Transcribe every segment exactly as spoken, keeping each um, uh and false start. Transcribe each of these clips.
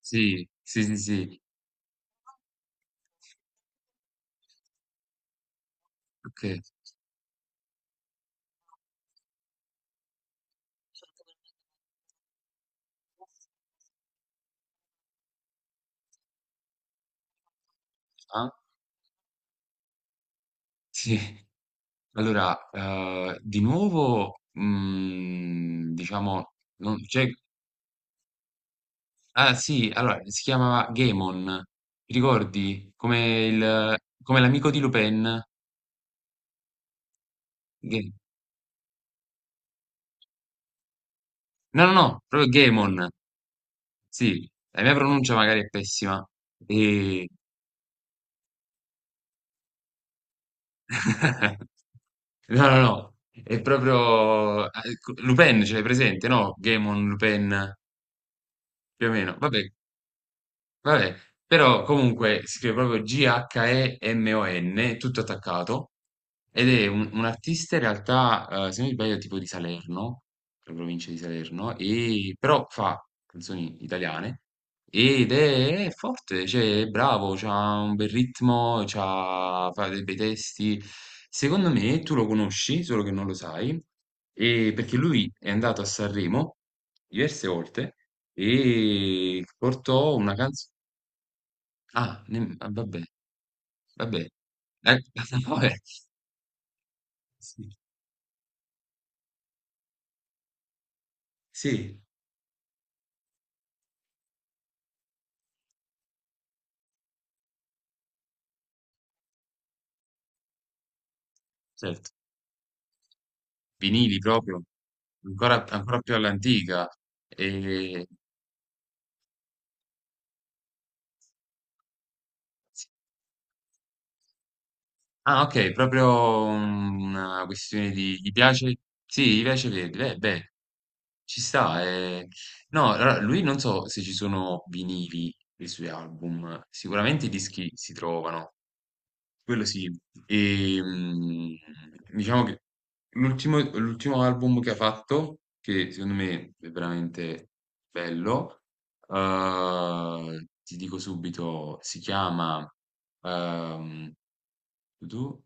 Sì, sì, sì, sì, okay. Ah, sì. Allora, uhm, di nuovo, mhmm, diciamo non c'è ah sì, allora si chiamava Gaemon, ti ricordi? Come il come l'amico di Lupin, Ghe no, no, no, proprio Gaemon, sì. La mia pronuncia magari è pessima, ehm No, no, no, è proprio a ecco, Lupin ce l'hai presente, no, Gaemon, Lupin, più o meno, vabbè. Vabbè, però comunque si scrive proprio G-H-E-M-O-N, tutto attaccato, ed è un, un artista in realtà, eh, se non mi sbaglio, tipo di Salerno, la provincia di Salerno, e però fa canzoni italiane ed è forte, cioè è bravo, ha un bel ritmo, c'ha- fa dei bei testi. Secondo me tu lo conosci, solo che non lo sai, e- perché lui è andato a Sanremo diverse volte e portò una canzone. Ah, nem ah, vabbè, vabbè. Eh, vabbè, sì, sì, certo. Vinili proprio, ancora, ancora più all'antica. E... Ah, ok, proprio una questione di... Gli piace? Sì, gli piace Verdi. Beh, beh, ci sta. Eh. No, allora, lui non so se ci sono vinili dei suoi album, sicuramente i dischi si trovano, quello sì. E, mh, diciamo che l'ultimo l'ultimo album che ha fatto, che secondo me è veramente bello, eh, ti dico subito, si chiama... ehm, tu?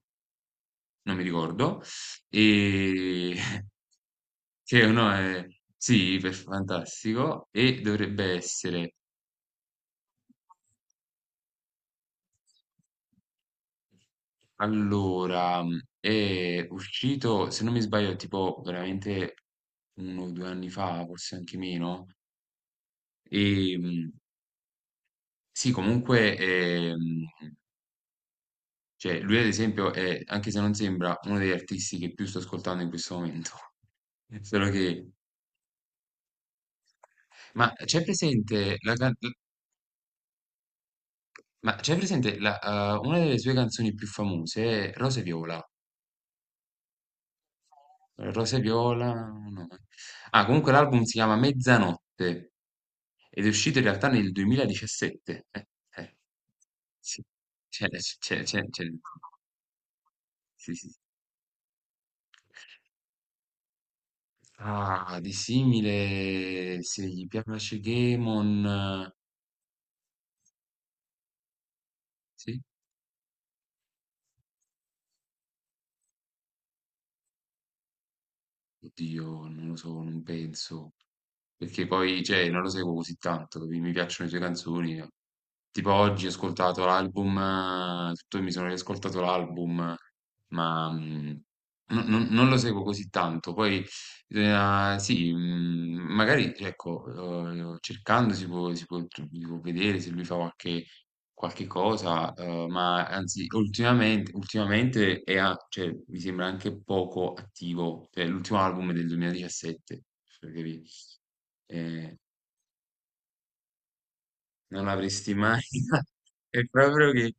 Non mi ricordo. E che uno è sì, per- fantastico. E dovrebbe essere allora, mhmm, è uscito, se non mi sbaglio, tipo veramente uno o due anni fa, forse anche meno. E mh, sì, comunque, è, mh, cioè, lui ad esempio è, anche se non sembra, uno degli artisti che più sto ascoltando in questo momento. Solo che, ma c'è presente la, can- ma c'è presente la, eh, una delle sue canzoni più famose, Rose e Viola? Rose viola, no. Ah, comunque l'album si chiama Mezzanotte ed è uscito in realtà nel duemiladiciassette. Eh, eh, sì. C'è, c'è, c'è, c'è. Sì, sì, sì. Ah, di simile, se gli piace Gamon, eh, sì. Oddio, non lo so, non penso. Perché poi, cioè, non lo seguo così tanto, capi? Mi piacciono le sue canzoni. Tipo oggi ho ascoltato l'album, eh, tutto, mi sono riascoltato l'album, ma mm, non, non- non lo seguo così tanto. Poi, eh, sì, mm, magari, ecco, eh, cercando si può, si può- si può vedere se lui fa qualche qualche cosa, uhm, ma anzi ultimamente ultimamente è a cioè mi sembra anche poco attivo, cioè l'ultimo album è del duemiladiciassette, per capì ehm, non l'avresti mai è proprio che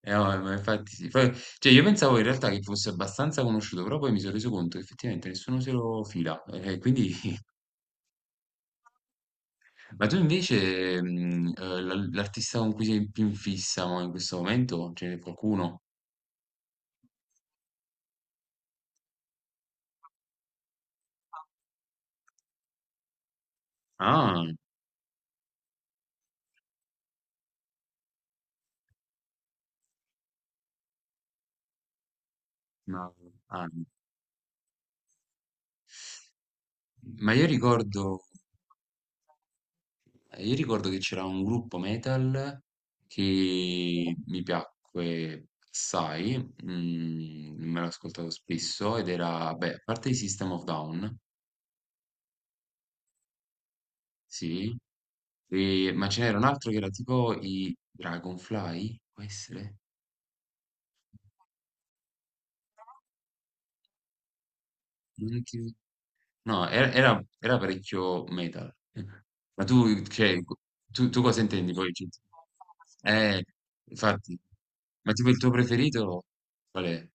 eh, no, ma infatti sì. Poi cioè io pensavo in realtà che fosse abbastanza conosciuto, però poi mi sono reso conto che effettivamente nessuno se lo fila, eh, e quindi ma tu invece, mhmm, uhm, l'al l'artista con cui sei più in fissa mo in questo momento, ce n'è qualcuno? Ah, ma ah. Ma io ricordo, io ricordo che c'era un gruppo metal che mi piacque assai, mm, me l'ho ascoltato spesso ed era, beh, a parte i System of Down, sì, e- ma ce n'era un altro che era tipo i Dragonfly, può essere? Non ti- No, era era era parecchio metal. Ma tu cioè, tu tu cosa intendi poi? Cioè eh, infatti. Ma tipo il tuo preferito qual è?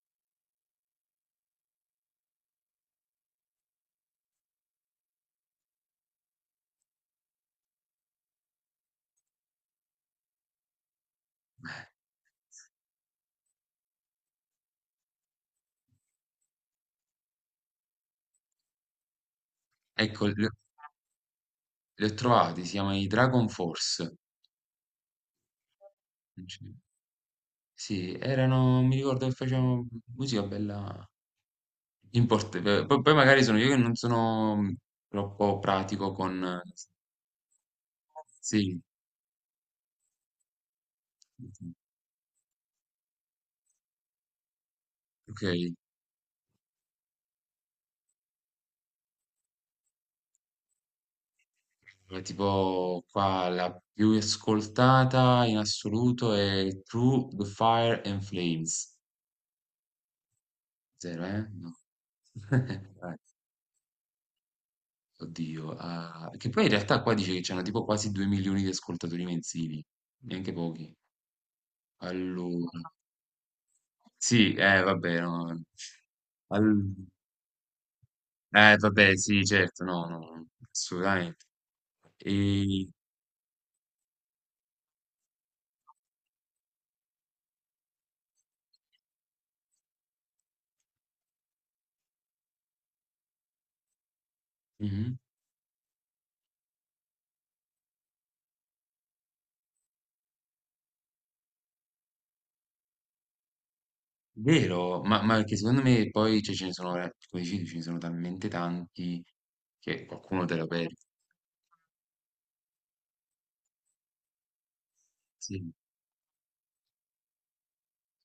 Ecco, li ho li ho trovati, si chiama i Dragon Force. Sì, sì, erano, mi ricordo che facevano musica bella import poi poi magari sono io che non sono mm, troppo pratico con sì, ok. Eh, tipo qua la più ascoltata in assoluto è Through the Fire and Flames. Zero, eh? No. Eh, oddio. Ah, che poi in realtà qua dice che c'hanno tipo quasi due milioni di ascoltatori mensili, neanche pochi. Allora, sì, eh, vabbè, no. Al- eh, vabbè, sì, certo, no, no, assolutamente. E... Mhm. Vero, ma, ma che secondo me poi cioè, ce ne sono, eh, come dicevi, ce ne sono talmente tanti che qualcuno te lo perdi. Sì.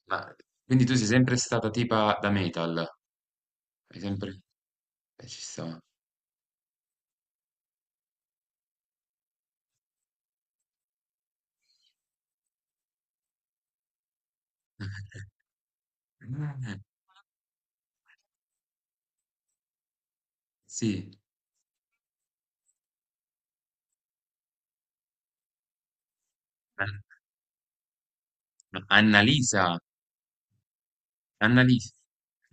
Ma quindi tu sei sempre stata tipa da metal? Hai sempre... eh, ci sta. Sì. Ma- ma Annalisa, Annalisa,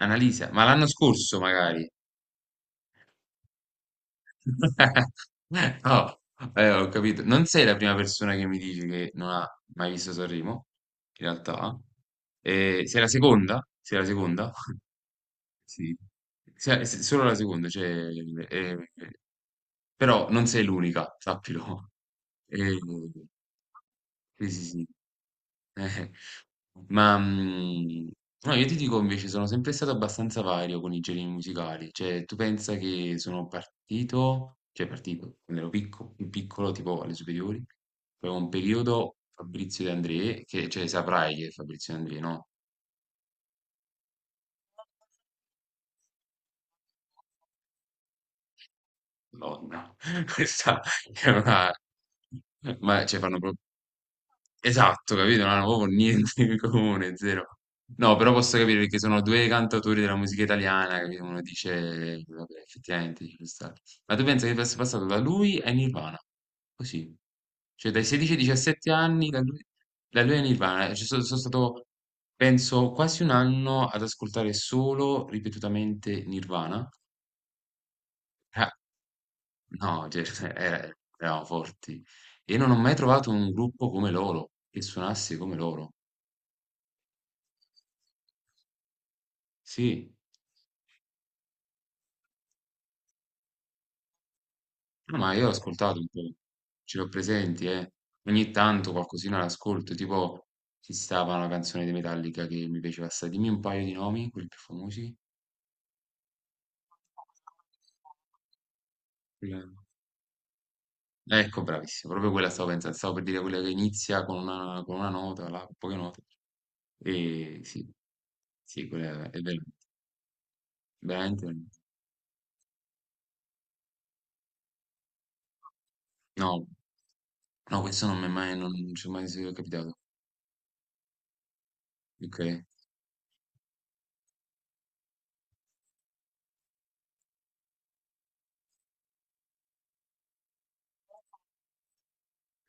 Annalisa, ma l'anno scorso magari. No, eh, ho capito. Non sei la prima persona che mi dice che non ha mai visto Sanremo, in realtà. Eh, sei la seconda? Sei la seconda? Sì. Sei- se- solo la seconda, cioè, eh, eh, però non sei l'unica, sappilo. Eh, sì, sì, sì. Eh, ma, mhmm, no, io ti dico invece sono sempre stato abbastanza vario con i generi musicali, cioè tu pensa che sono partito cioè partito, quando ero picco più piccolo, tipo alle superiori, avevo un periodo Fabrizio De André, che cioè saprai chi è Fabrizio De André, no? Madonna, questa è una ma cioè fanno pro esatto, capito? Non hanno proprio niente in comune, zero. No, però posso capire perché sono due cantatori della musica italiana, capito? Uno dice, vabbè, effettivamente ci può stare. Ma tu pensi che fosse passato da lui a Nirvana? Così. Cioè dai sedici ai diciassette anni, da lui, da lui a Nirvana. Cioè, sono, sono stato, penso, quasi un anno ad ascoltare solo, ripetutamente, Nirvana. Ah, no, cioè, eh, eravamo forti. E non ho mai trovato un gruppo come loro, che suonasse come loro. Sì, no, ma io ho ascoltato un po', ce l'ho presenti, eh. Ogni tanto qualcosina l'ascolto, tipo ci stava una canzone di Metallica che mi piaceva assai. Dimmi un paio di nomi, quelli più famosi. Quella- ecco, bravissimo, proprio quella stavo pensando, stavo per dire quella che inizia con una, con una nota, là, con poche note. E sì, sì, quella è veramente, veramente... No, no, questo non mi è mai, non ci è mai capitato. Ok,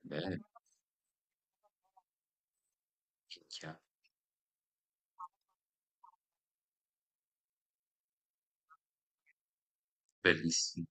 bene, minchia, bellissimo.